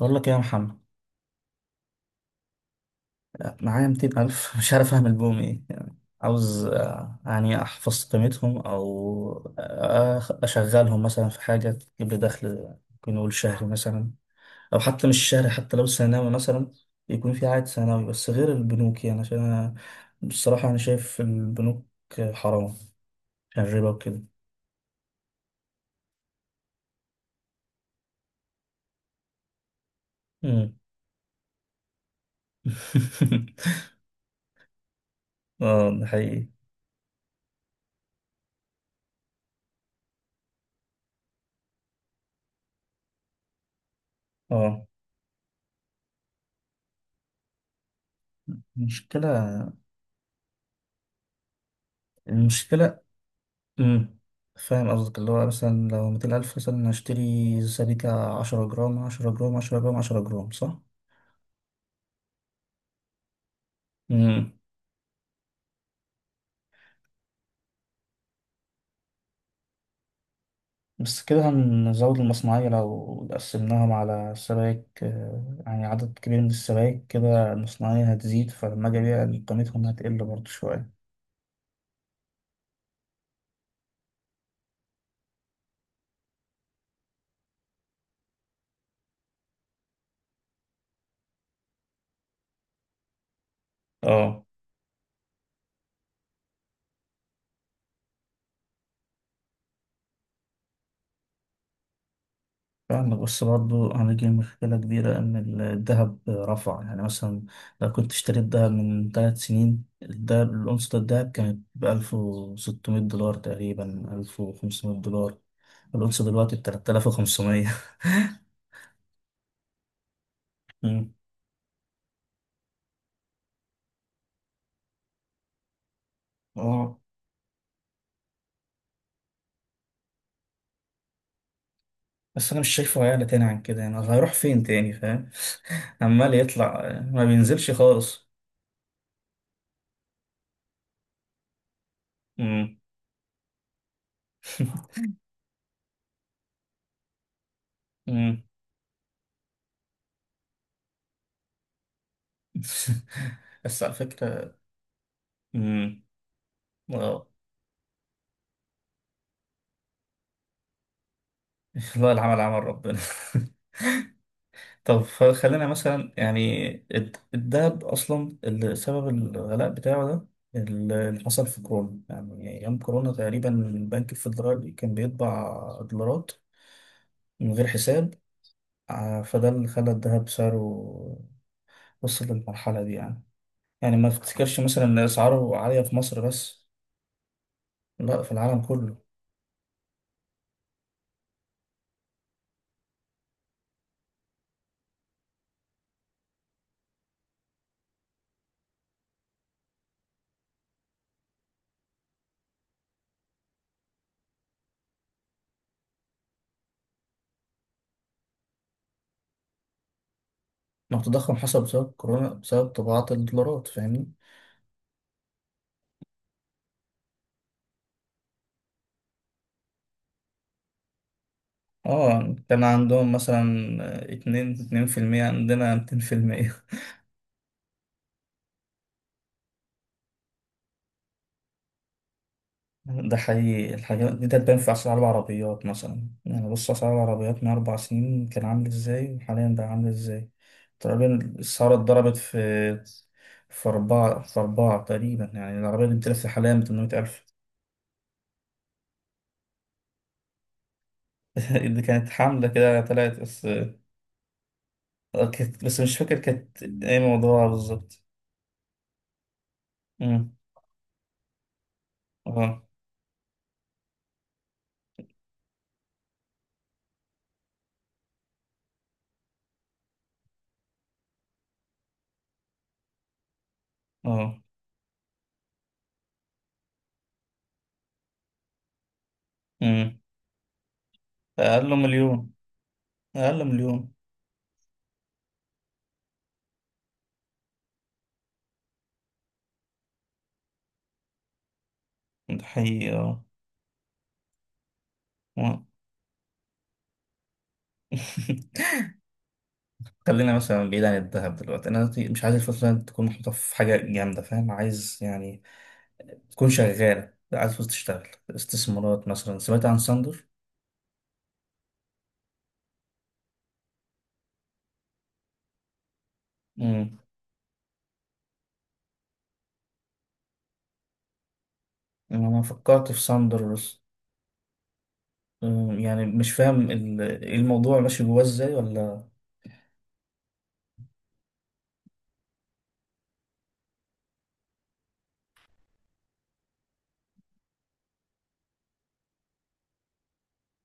بقول لك إيه يا محمد، معايا 200 ألف مش عارف أعمل بهم إيه. يعني عاوز يعني أحفظ قيمتهم، أو أشغلهم مثلا في حاجة تجيب لي دخل. ممكن نقول شهري مثلا، أو حتى مش شهري، حتى لو سنوي مثلا يكون في عائد سنوي، بس غير البنوك. يعني عشان أنا بصراحة أنا شايف البنوك حرام، عشان الربا وكده. مم. اه ده حقيقي. اه. المشكلة المشكلة. امم فاهم قصدك، اللي هو مثلا لو 200 ألف مثلا هشتري سبيكة 10 جرام، 10 جرام، 10 جرام، عشرة جرام، صح؟ امم بس كده هنزود المصنعية، لو قسمناهم على سبائك، يعني عدد كبير من السبائك كده المصنعية هتزيد، فلما أجي أبيع قيمتهم هتقل برضه شوية. اه فعلا. بص برضو هنيجي لمشكلة كبيرة، إن الذهب رفع. يعني مثلا لو كنت اشتريت دهب من 3 سنين، الدهب الأونصة الدهب كانت بألف وستمية دولار تقريبا، 1500 دولار. الأونصة دلوقتي ب3500. مم. اه، بس أنا مش شايفه هيعلى تاني عن كده، يعني هيروح فين تاني فاهم؟ عمال يطلع، ما بينزلش خالص. مم. مم. بس على فكرة. مم. اه. والله العمل عمل ربنا. طب، خلينا مثلا يعني الدهب اصلا اللي سبب الغلاء بتاعه ده اللي حصل في كورونا. يعني ايام كورونا تقريبا البنك الفيدرالي كان بيطبع دولارات من غير حساب. فده اللي خلى الدهب سعره وصل للمرحلة دي. يعني ما تفتكرش مثلا ان اسعاره عالية في مصر بس، لا، في العالم كله. ما هو التضخم حصل بسبب كورونا، بسبب طباعة الدولارات، فاهمني؟ اه، كان عندهم مثلا اتنين في المية، عندنا 200%. ده حقيقي، الحاجات دي تبان في أسعار العربيات مثلا. يعني بص، أسعار العربيات من 4 سنين كان عامل إزاي، وحاليا بقى عامل إزاي. تقريبا الأسعار اتضربت في أربعة تقريبا، يعني العربية دي بتلف حاليا ب800 ألف. اللي كانت حاملة كده طلعت بس كانت- بس مش فاكر كانت إيه موضوعها بالظبط. أمم، أه. أه. أمم. أقل مليون، أقل مليون. ده حقيقي، أه. آه. خلينا مثلا بعيد عن الذهب دلوقتي. انا دلوقتي مش عايز الفلوس دي تكون محطوطه في حاجه جامده فاهم، عايز يعني تكون شغاله. لا، عايز فلوس تشتغل استثمارات مثلا. سمعت عن ساندر؟ امم انا فكرت في ساندر بس. يعني مش فاهم الموضوع ماشي جواه ازاي ولا.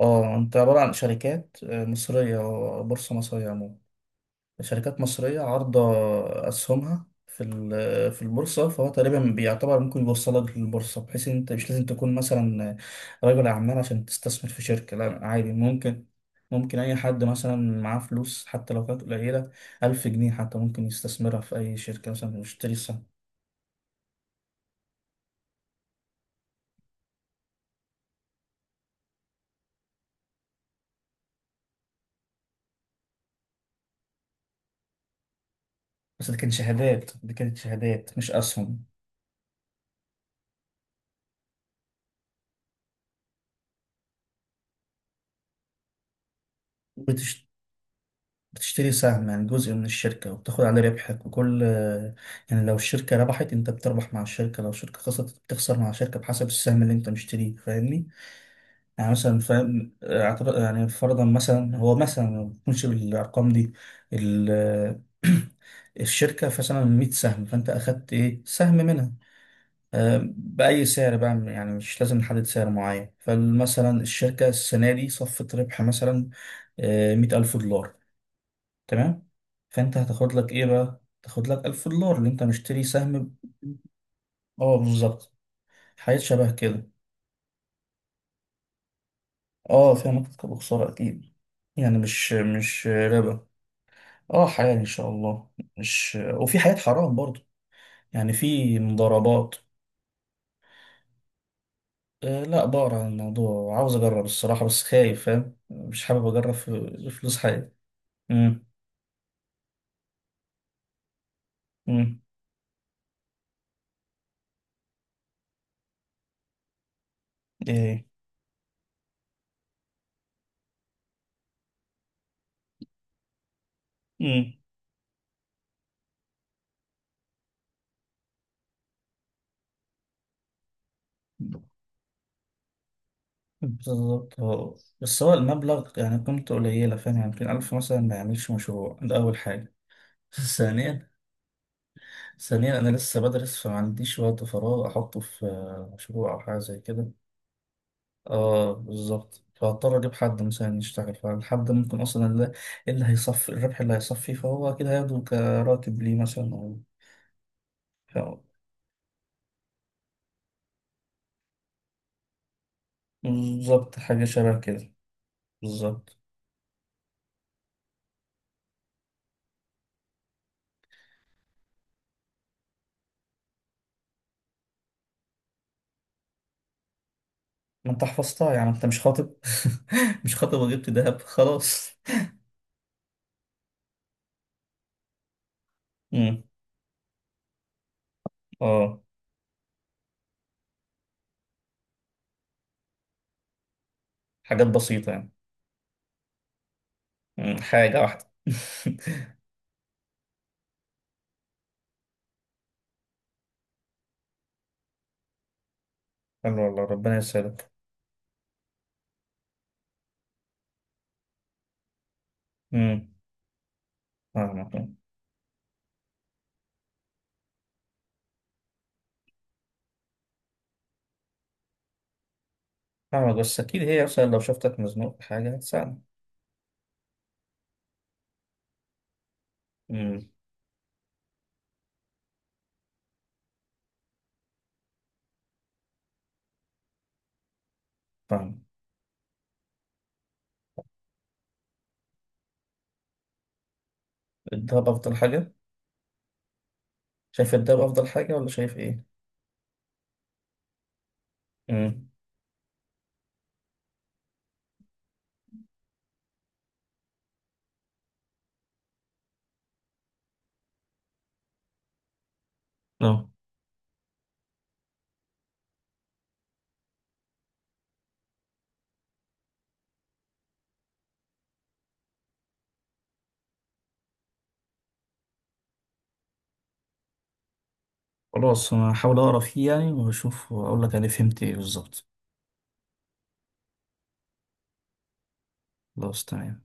اه، انت عباره عن شركات، مصريه، أو بورصه مصريه عموما، شركات مصرية عارضة أسهمها في في البورصة. فهو تقريبا بيعتبر ممكن يوصلك للبورصة، بحيث إن أنت مش لازم تكون مثلا رجل أعمال عشان تستثمر في شركة. لا، عادي، ممكن. ممكن أي حد مثلا معاه فلوس حتى لو كانت قليلة، 1000 جنيه حتى ممكن يستثمرها في أي شركة، مثلا يشتري سهم. بس دي كانت شهادات، دي كانت شهادات مش أسهم. بتش... بتشتري سهم، يعني جزء من الشركة وبتاخد عليه ربحك وكل. يعني لو الشركة ربحت انت بتربح مع الشركة، لو الشركة خسرت بتخسر مع الشركة بحسب السهم اللي انت مشتريه، فاهمني؟ يعني مثلا فاهم، اعتبر يعني فرضا مثلا، هو مثلا ما بتكونش بالأرقام دي ال الشركة مثلا 100 سهم، فانت اخدت ايه سهم منها، بأي سعر بقى، يعني مش لازم نحدد سعر معين. فمثلا الشركة السنة دي صفت ربح مثلا 100 ألف دولار، تمام. فانت هتاخد لك ايه بقى، تاخد لك 1000 دولار اللي انت مشتري سهم اه بالظبط، حاجات شبه كده. اه فيها مكسب وخسارة اكيد، يعني مش ربا. اه، حلال ان شاء الله. مش، وفي حاجات حرام برضه، يعني في مضاربات. آه لا، بقرا عن الموضوع وعاوز اجرب الصراحة، بس خايف فاهم، مش حابب اجرب في فلوس حاجة. امم امم ايه. امم بالظبط. هو بس هو المبلغ يعني قيمته قليلة فاهم، يعني يمكن 1000 مثلا، ما يعملش مشروع، ده أول حاجة. ثانيا، ثانيا أنا لسه بدرس فما عنديش وقت فراغ أحطه في مشروع أو حاجة زي كده. اه بالظبط، فهضطر أجيب حد مثلا يشتغل، فالحد ممكن أصلا اللي هيصفي الربح اللي هيصفي، فهو أكيد هياخده كراتب ليه مثلا، أو ف- بالظبط، حاجة شبه كده. بالظبط. ما أنت حفظتها، يعني أنت مش خاطب. مش خاطب وجبت دهب، خلاص. مم. اه، حاجات بسيطة يعني. مم. حاجة واحدة. حلو، والله ربنا يسعدك. امم فاهمك. فاهمك، بس أكيد هي مثلا لو شفتك مزنوق في حاجة هتساعدك. امم فاهم. الدهب أفضل حاجة. شايف الدهب أفضل حاجة ولا شايف إيه؟ امم لا. خلاص أنا هحاول أقرأ فيه يعني وأشوف وأقول لك أنا فهمت إيه بالظبط. خلاص، تمام.